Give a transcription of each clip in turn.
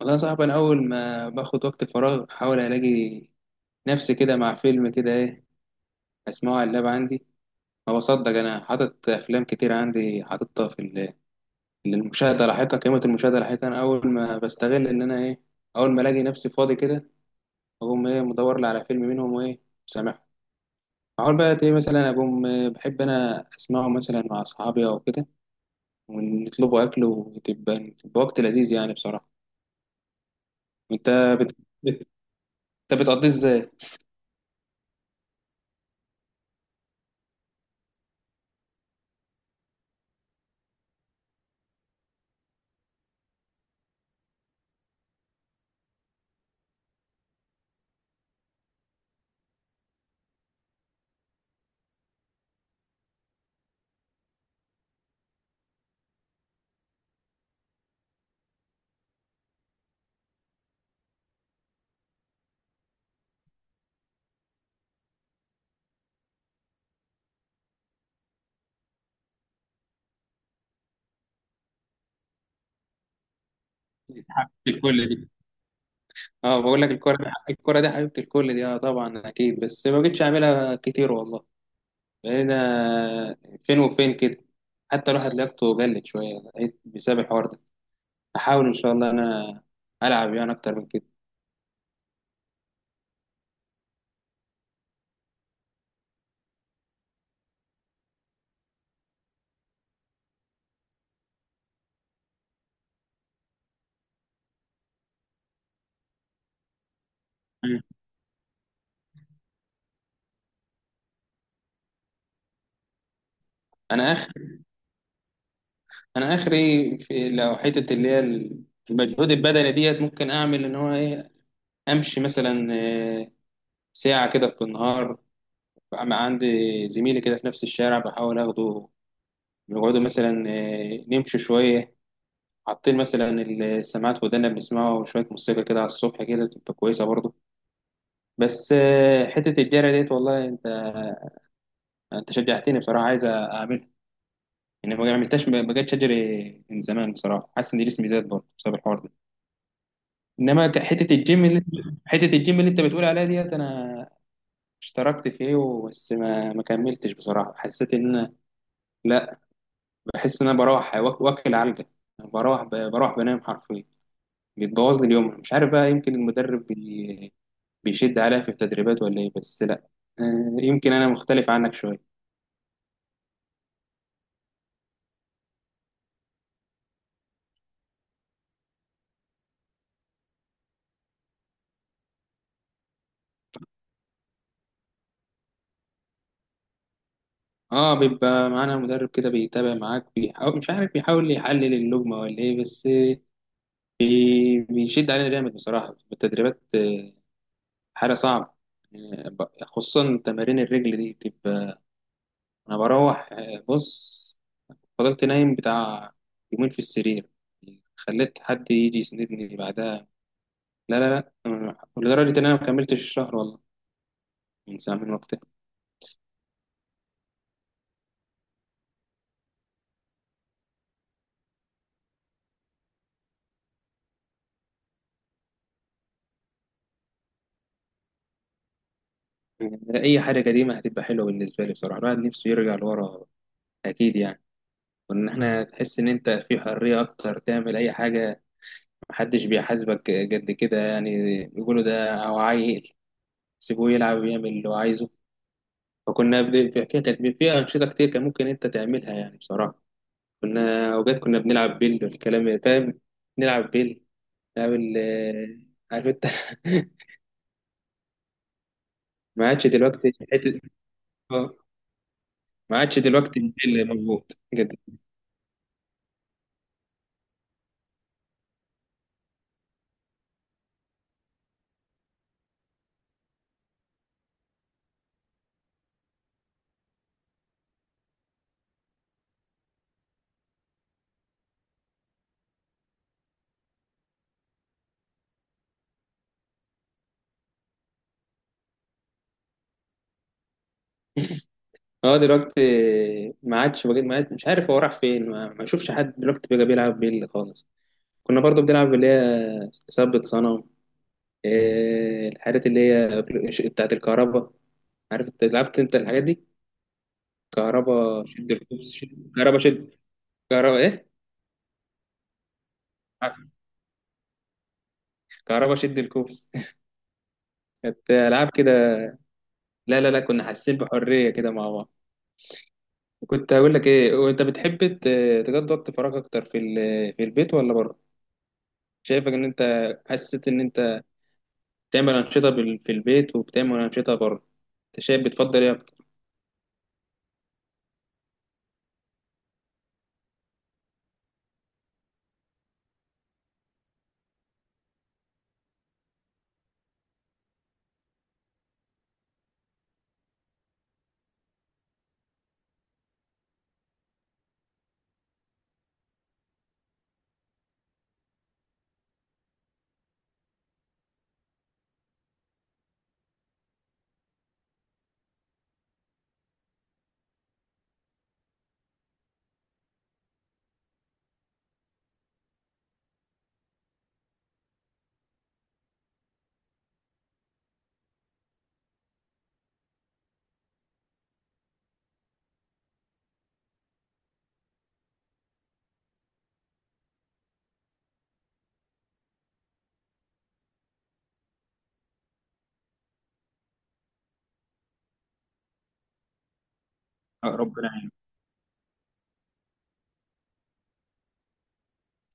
والله يا صاحبي، انا اول ما باخد وقت فراغ احاول الاقي نفسي كده مع فيلم، كده ايه، اسمعه على اللاب عندي. ما بصدق، انا حاطط افلام كتير عندي، حاططها في للمشاهده لاحقا، قيمه المشاهده لاحقا. انا اول ما بستغل ان انا ايه، اول ما الاقي نفسي فاضي كده، اقوم ايه، مدور لي على فيلم منهم، وايه، سامعه. اقول بقى ايه، مثلا اقوم بحب انا اسمعه مثلا مع اصحابي او كده، ونطلبوا اكل، وتبقى تبقى وقت لذيذ يعني بصراحه. انت بت... بت... انت بتقضيه ازاي؟ في الكل. اه، بقول لك الكرة دي، الكرة دي حبيبة الكل دي. اه طبعا اكيد، بس ما بقتش اعملها كتير والله. بقينا فين وفين كده. حتى الواحد لياقته قلت شوية، بقيت بسبب الحوار ده. احاول ان شاء الله انا العب يعني اكتر من كده. مم. انا اخر، انا اخري في، لو حتة اللي هي المجهود البدني ديت، ممكن اعمل ان هو ايه، امشي مثلا. آه، ساعة كده في النهار، عندي زميلي كده في نفس الشارع، بحاول اخده نقعدوا مثلا نمشي شوية، حاطين مثلا السماعات في ودانا، بنسمعه وشوية موسيقى كده على الصبح، كده تبقى كويسة برضه. بس حتة الجري ديت، والله انت انت شجعتني بصراحة، عايز اعملها يعني. ما عملتهاش، ما جاتش اجري من زمان بصراحة. حاسس ان جسمي زاد برضه بسبب الحوار ده. انما حتة الجيم اللي، حتة الجيم اللي انت بتقول عليها ديت، انا اشتركت فيه بس ما كملتش بصراحة. حسيت ان انا لا، بحس ان انا بروح واكل علقة. بروح بروح بنام حرفيا، بيتبوظ لي اليوم. مش عارف بقى، يمكن المدرب بيشد عليها في التدريبات ولا إيه، بس لأ. يمكن أنا مختلف عنك شوية. اه، بيبقى معانا مدرب كده، بيتابع معاك، بيحاول مش عارف بيحاول يحلل اللجمة ولا ايه، بس بيشد علينا جامد بصراحة في التدريبات. حاجة صعبة. خصوصا تمارين الرجل دي بتبقى، انا بروح بص، فضلت نايم بتاع يومين في السرير، خليت حد يجي يسندني بعدها. لا لا لا آه، لدرجة ان انا ما كملتش الشهر والله، من ساعة، من وقتها. يعني اي حاجه قديمه هتبقى حلوه بالنسبه لي بصراحه. الواحد نفسه يرجع لورا اكيد يعني. وان احنا تحس ان انت في حريه اكتر، تعمل اي حاجه، محدش بيحاسبك قد كده يعني. يقولوا ده او عيل، سيبوه يلعب ويعمل اللي هو عايزه. فكنا فيها كانت فيها انشطه كتير كان ممكن انت تعملها يعني بصراحه. كنا اوقات كنا بنلعب بيل والكلام، فاهم، نلعب بيل، نلعب عارف انت. ما عادش دلوقتي حته، آه، ما عادش دلوقتي البيل موجود. اه دلوقتي ما عادش، بقيت ما عادش مش عارف هو راح فين، ما اشوفش حد دلوقتي بقى بيلعب بيلي خالص. كنا برضو بنلعب اللي هي ثبت صنم، إيه الحاجات اللي هي بتاعت الكهرباء، عارف انت لعبت انت الحاجات دي؟ كهرباء شد الكوبس شد، كهرباء شد، كهرباء ايه، كهرباء شد الكوبس. كانت العاب كده. لا لا لا كنا حاسين بحريه كده مع بعض. كنت هقول لك ايه، وانت بتحب تقضي وقت فراغ اكتر في في البيت ولا بره؟ شايفك ان انت، حسيت ان انت بتعمل أنشطة في البيت وبتعمل أنشطة بره. أنت شايف بتفضل إيه أكتر؟ ربنا يعينك.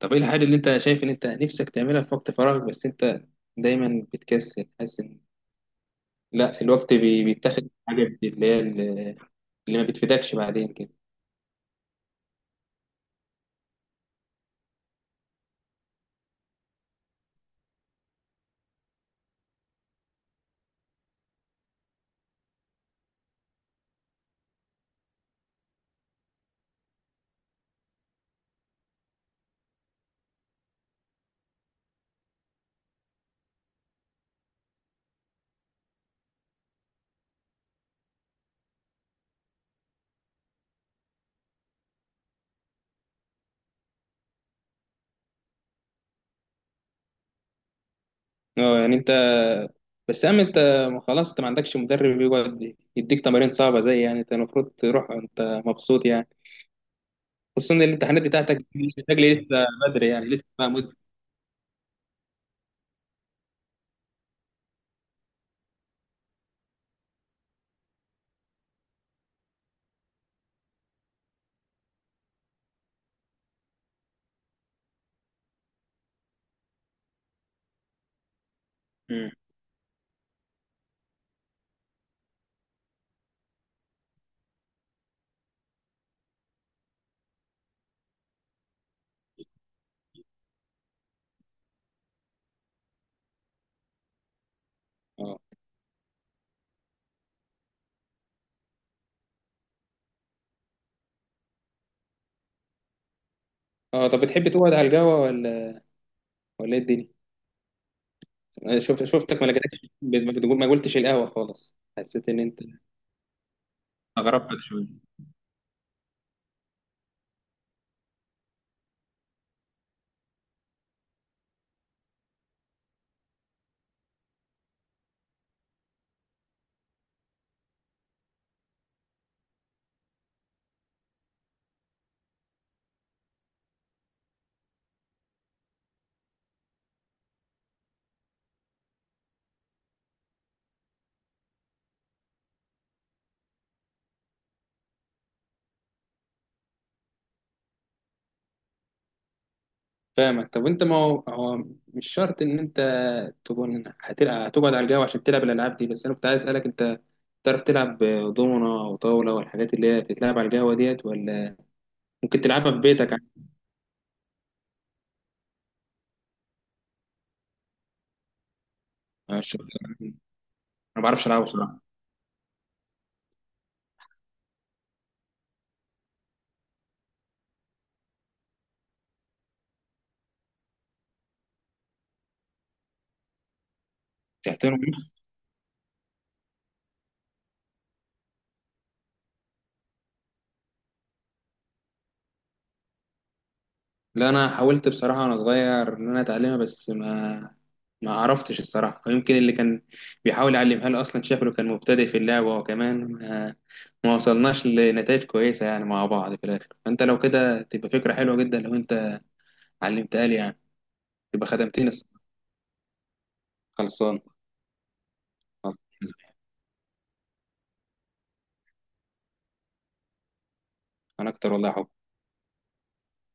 طب إيه الحاجة اللي أنت شايف إن أنت نفسك تعملها في وقت فراغك، بس أنت دايما بتكسل، حاسس إن لا، الوقت بيتاخد في حاجة اللي هي اللي ما بتفيدكش بعدين كده. أه يعني أنت، بس أما أنت، خلاص أنت ما عندكش مدرب يقعد يديك تمارين صعبة زي، يعني أنت المفروض تروح أنت مبسوط يعني، خصوصا إن الامتحانات بتاعتك بتجري لسه بدري، يعني لسه بقى مدة. مم. أه. أه طب، بتحب تقعد على القهوة ولا ولا إيه الدنيا؟ شفت، شفتك ما لقيتكش ما قلتش القهوة خالص، حسيت ان انت استغربت شويه. فاهمك. طب انت، ما هو مش شرط ان انت تكون هتقعد على القهوة عشان تلعب الالعاب دي، بس انا كنت عايز اسالك، انت تعرف تلعب دومنة وطاولة والحاجات اللي هي بتتلعب على القهوة ديت، ولا ممكن تلعبها في بيتك عادي؟ أنا مش شرط. أنا ما بعرفش العبها بصراحة. لا انا حاولت بصراحه وانا صغير ان انا اتعلمها، بس ما عرفتش الصراحه، ويمكن اللي كان بيحاول يعلمها لي اصلا شكله كان مبتدئ في اللعبه، وكمان ما، ما وصلناش لنتائج كويسه يعني مع بعض في الاخر. فانت لو كده تبقى فكره حلوه جدا لو انت علمتها لي يعني، تبقى خدمتني الصراحة. خلصان. خلاص. انا اكتر والله يا حب.